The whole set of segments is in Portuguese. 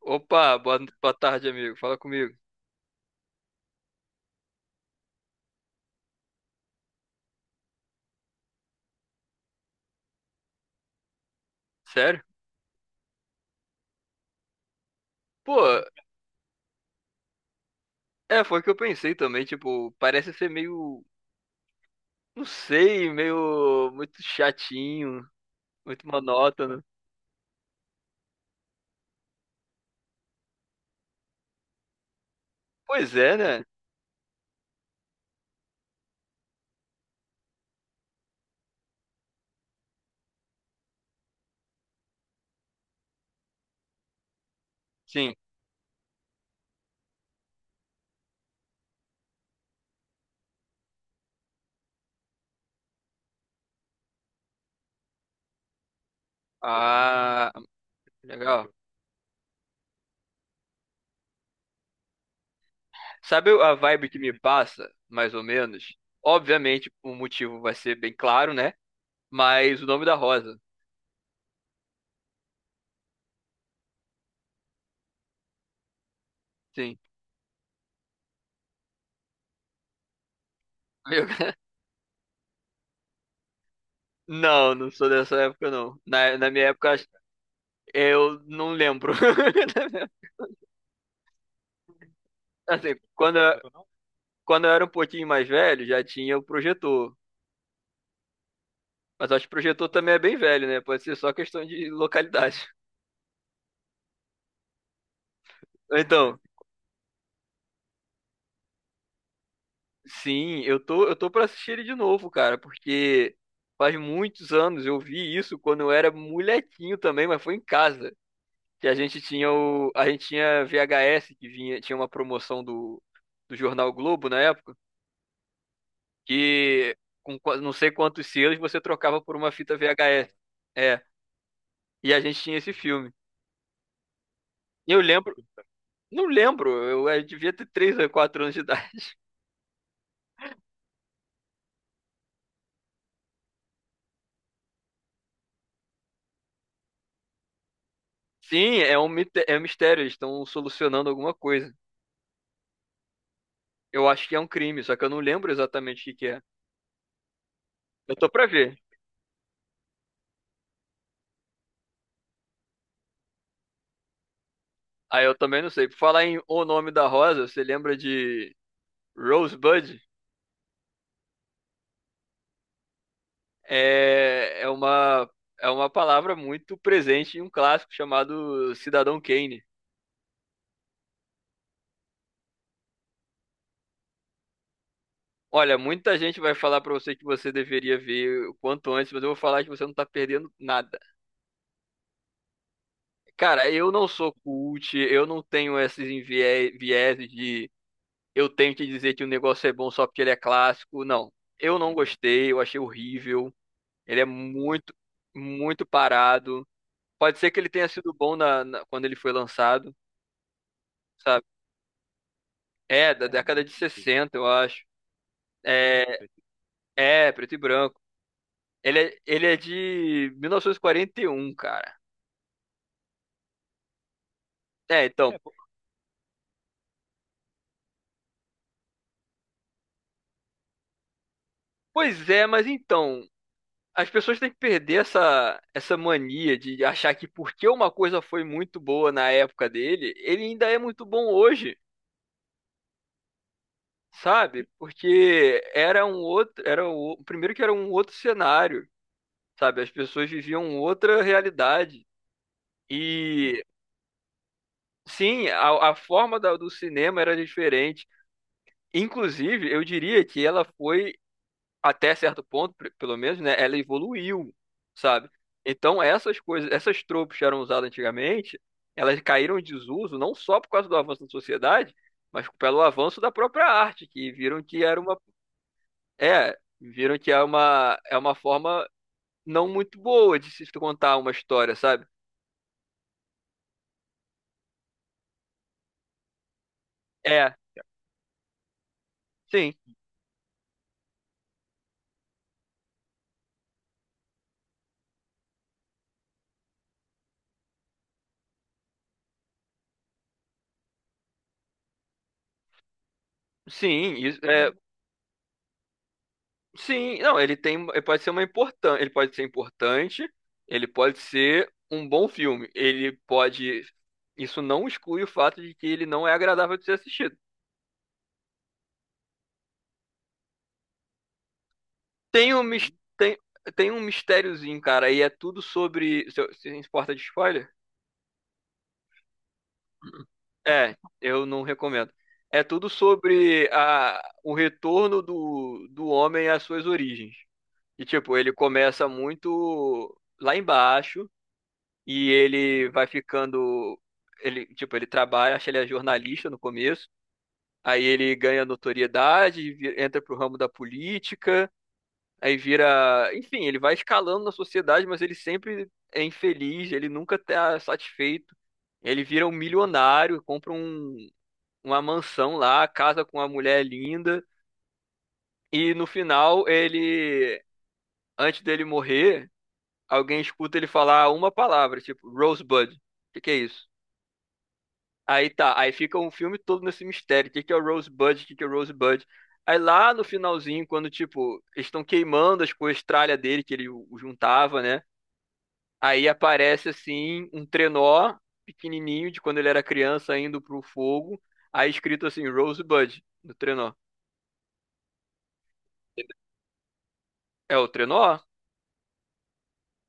Opa, boa tarde, amigo. Fala comigo. Sério? Pô, é, foi o que eu pensei também, tipo, parece ser meio, não sei, meio muito chatinho, muito monótono. Pois é, né? Sim. Ah, legal. Sabe a vibe que me passa, mais ou menos? Obviamente, o motivo vai ser bem claro, né? Mas o nome da rosa. Sim. Eu- Não, não sou dessa época, não. Na minha época, eu não lembro. Assim, quando eu era um pouquinho mais velho, já tinha o projetor. Mas acho que o projetor também é bem velho, né? Pode ser só questão de localidade. Então, sim, eu tô pra assistir ele de novo, cara, porque faz muitos anos eu vi isso quando eu era molequinho também, mas foi em casa. Que a gente tinha a gente tinha VHS que vinha, tinha uma promoção do Jornal Globo na época, que não sei quantos selos você trocava por uma fita VHS. É, e a gente tinha esse filme. Eu lembro, Não lembro, eu devia ter 3 ou 4 anos de idade. Sim, é um mistério, eles estão solucionando alguma coisa. Eu acho que é um crime, só que eu não lembro exatamente o que que é. Eu tô pra ver. Aí eu também não sei. Por falar em O Nome da Rosa, você lembra de Rosebud? É, é uma, é uma palavra muito presente em um clássico chamado Cidadão Kane. Olha, muita gente vai falar pra você que você deveria ver o quanto antes, mas eu vou falar que você não tá perdendo nada. Cara, eu não sou cult, eu não tenho vieses de eu tenho que dizer que o negócio é bom só porque ele é clássico. Não, eu não gostei, eu achei horrível. Ele é muito, muito parado. Pode ser que ele tenha sido bom quando ele foi lançado, sabe? É, da década de 60 eu acho. É, é, preto e branco. Ele é de 1941 cara. É, então. É, Pois é, mas então. As pessoas têm que perder essa mania de achar que porque uma coisa foi muito boa na época dele, ele ainda é muito bom hoje, sabe? Porque era um outro, era o primeiro que era um outro cenário, sabe? As pessoas viviam outra realidade. E sim, a forma do cinema era diferente. Inclusive, eu diria que ela foi até certo ponto, pelo menos, né, ela evoluiu, sabe? Então essas tropas que eram usadas antigamente, elas caíram em desuso não só por causa do avanço da sociedade, mas pelo avanço da própria arte, que viram que era uma é, viram que é uma uma forma não muito boa de se contar uma história, sabe? É, sim. Sim, isso, é, Sim, não, ele tem, ele pode ser uma importante, ele pode ser importante, ele pode ser um bom filme, ele pode, isso não exclui o fato de que ele não é agradável de ser assistido. Tem um, mis- tem, tem um mistériozinho, cara, e é tudo sobre, se se importa de spoiler? É, eu não recomendo. É tudo sobre o retorno do homem às suas origens. E, tipo, ele começa muito lá embaixo, e ele vai ficando. Ele, tipo, ele trabalha, acho que ele é jornalista no começo. Aí ele ganha notoriedade, entra pro ramo da política, aí vira. Enfim, ele vai escalando na sociedade, mas ele sempre é infeliz, ele nunca tá satisfeito. Ele vira um milionário, compra um, uma mansão lá, casa com uma mulher linda. E no final, ele. Antes dele morrer, alguém escuta ele falar uma palavra, tipo, Rosebud. O que que é isso? Aí tá, aí fica um filme todo nesse mistério. O que que é o Rosebud? O que que é o Rosebud? Aí lá no finalzinho, quando, tipo, eles estão queimando as coisas tralha dele, que o juntava, né? Aí aparece, assim, um trenó pequenininho, de quando ele era criança, indo pro fogo. Aí escrito assim, Rosebud, no trenó. É o trenó?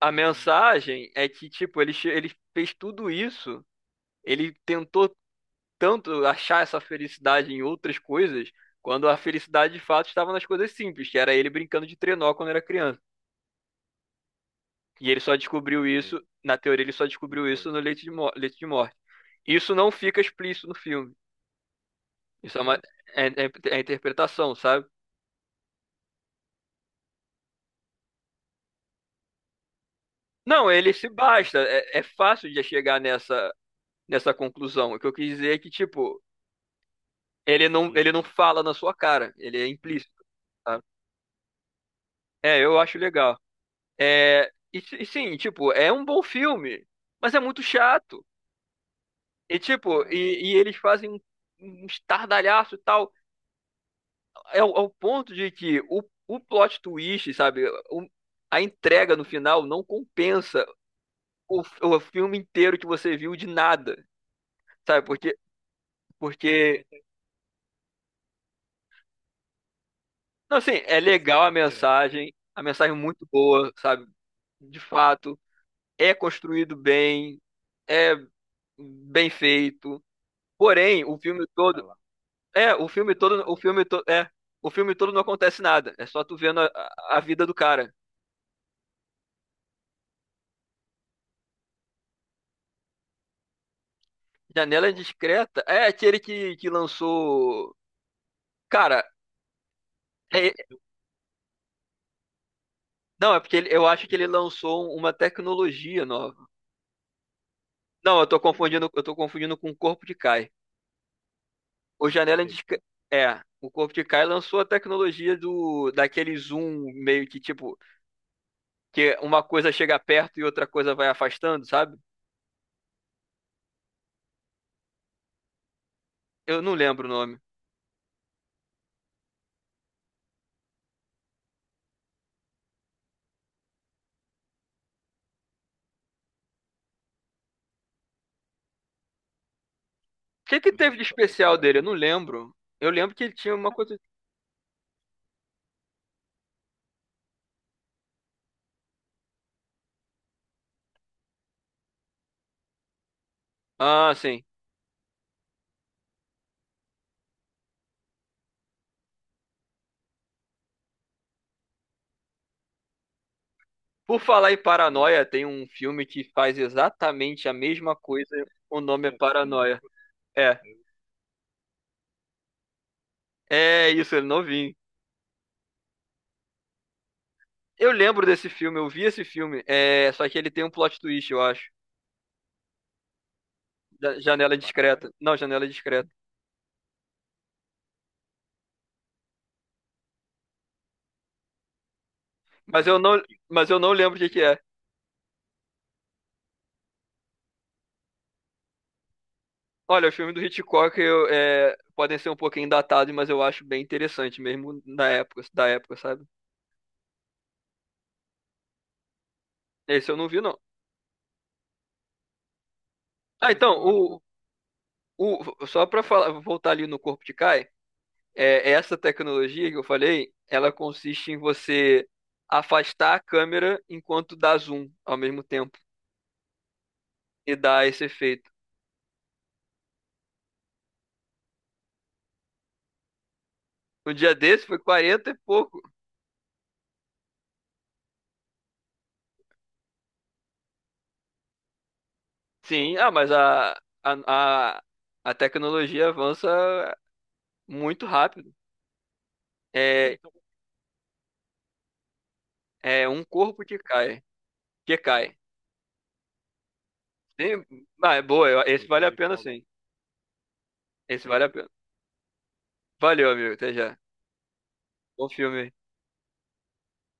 A mensagem é que, tipo, ele fez tudo isso. Ele tentou tanto achar essa felicidade em outras coisas, quando a felicidade de fato estava nas coisas simples, que era ele brincando de trenó quando era criança. E ele só descobriu isso, na teoria, ele só descobriu isso no Leite de Morte. Isso não fica explícito no filme. Isso é uma é, é- é interpretação, sabe? Não, ele se basta. É, é fácil de chegar nessa conclusão. O que eu quis dizer é que, tipo, ele não Uhum. fala na sua cara, ele é implícito. Sabe? É, eu acho legal. E sim, tipo, é um bom filme, mas é muito chato. E eles fazem um estardalhaço e tal. É, ao ponto de que o plot twist, sabe? o- a entrega no final não compensa o filme inteiro que você viu de nada, sabe? Porque, não, assim, é legal a mensagem é muito boa, sabe? De fato, é construído bem, é bem feito. Porém, o filme todo É, o filme todo, é, o filme todo não acontece nada. É só tu vendo a vida do cara. Janela Indiscreta é aquele que lançou. Cara, é- não, é porque eu acho que ele lançou uma tecnologia nova. Não, eu tô confundindo com o Corpo de Kai. O Janela Indiscreta. É, o Corpo de Kai lançou a tecnologia do daquele zoom meio que tipo, que uma coisa chega perto e outra coisa vai afastando, sabe? Eu não lembro o nome. O que que teve de especial dele? Eu não lembro. Eu lembro que ele tinha uma coisa. Ah, sim. Por falar em Paranoia, tem um filme que faz exatamente a mesma coisa. O nome é Paranoia. É. É isso, ele novinho. Eu vi esse filme. É, só que ele tem um plot twist, eu acho. Da- Janela discreta. Não, janela discreta. Mas eu não, mas eu não lembro o que que é. Olha, o filme do Hitchcock eu, é, podem ser um pouquinho datados, mas eu acho bem interessante mesmo da época, sabe? Esse eu não vi, não. Ah, então, só para falar, voltar ali no corpo de Kai, é, essa tecnologia que eu falei, ela consiste em você afastar a câmera enquanto dá zoom ao mesmo tempo e dá esse efeito. No dia desse foi 40 e pouco. Sim, ah, mas a, a, a tecnologia avança muito rápido. É, é um corpo que cai, que cai. Sim, ah, é boa, esse vale a pena sim. Esse vale a pena. Valeu, amigo, até já. Bom filme. Aí.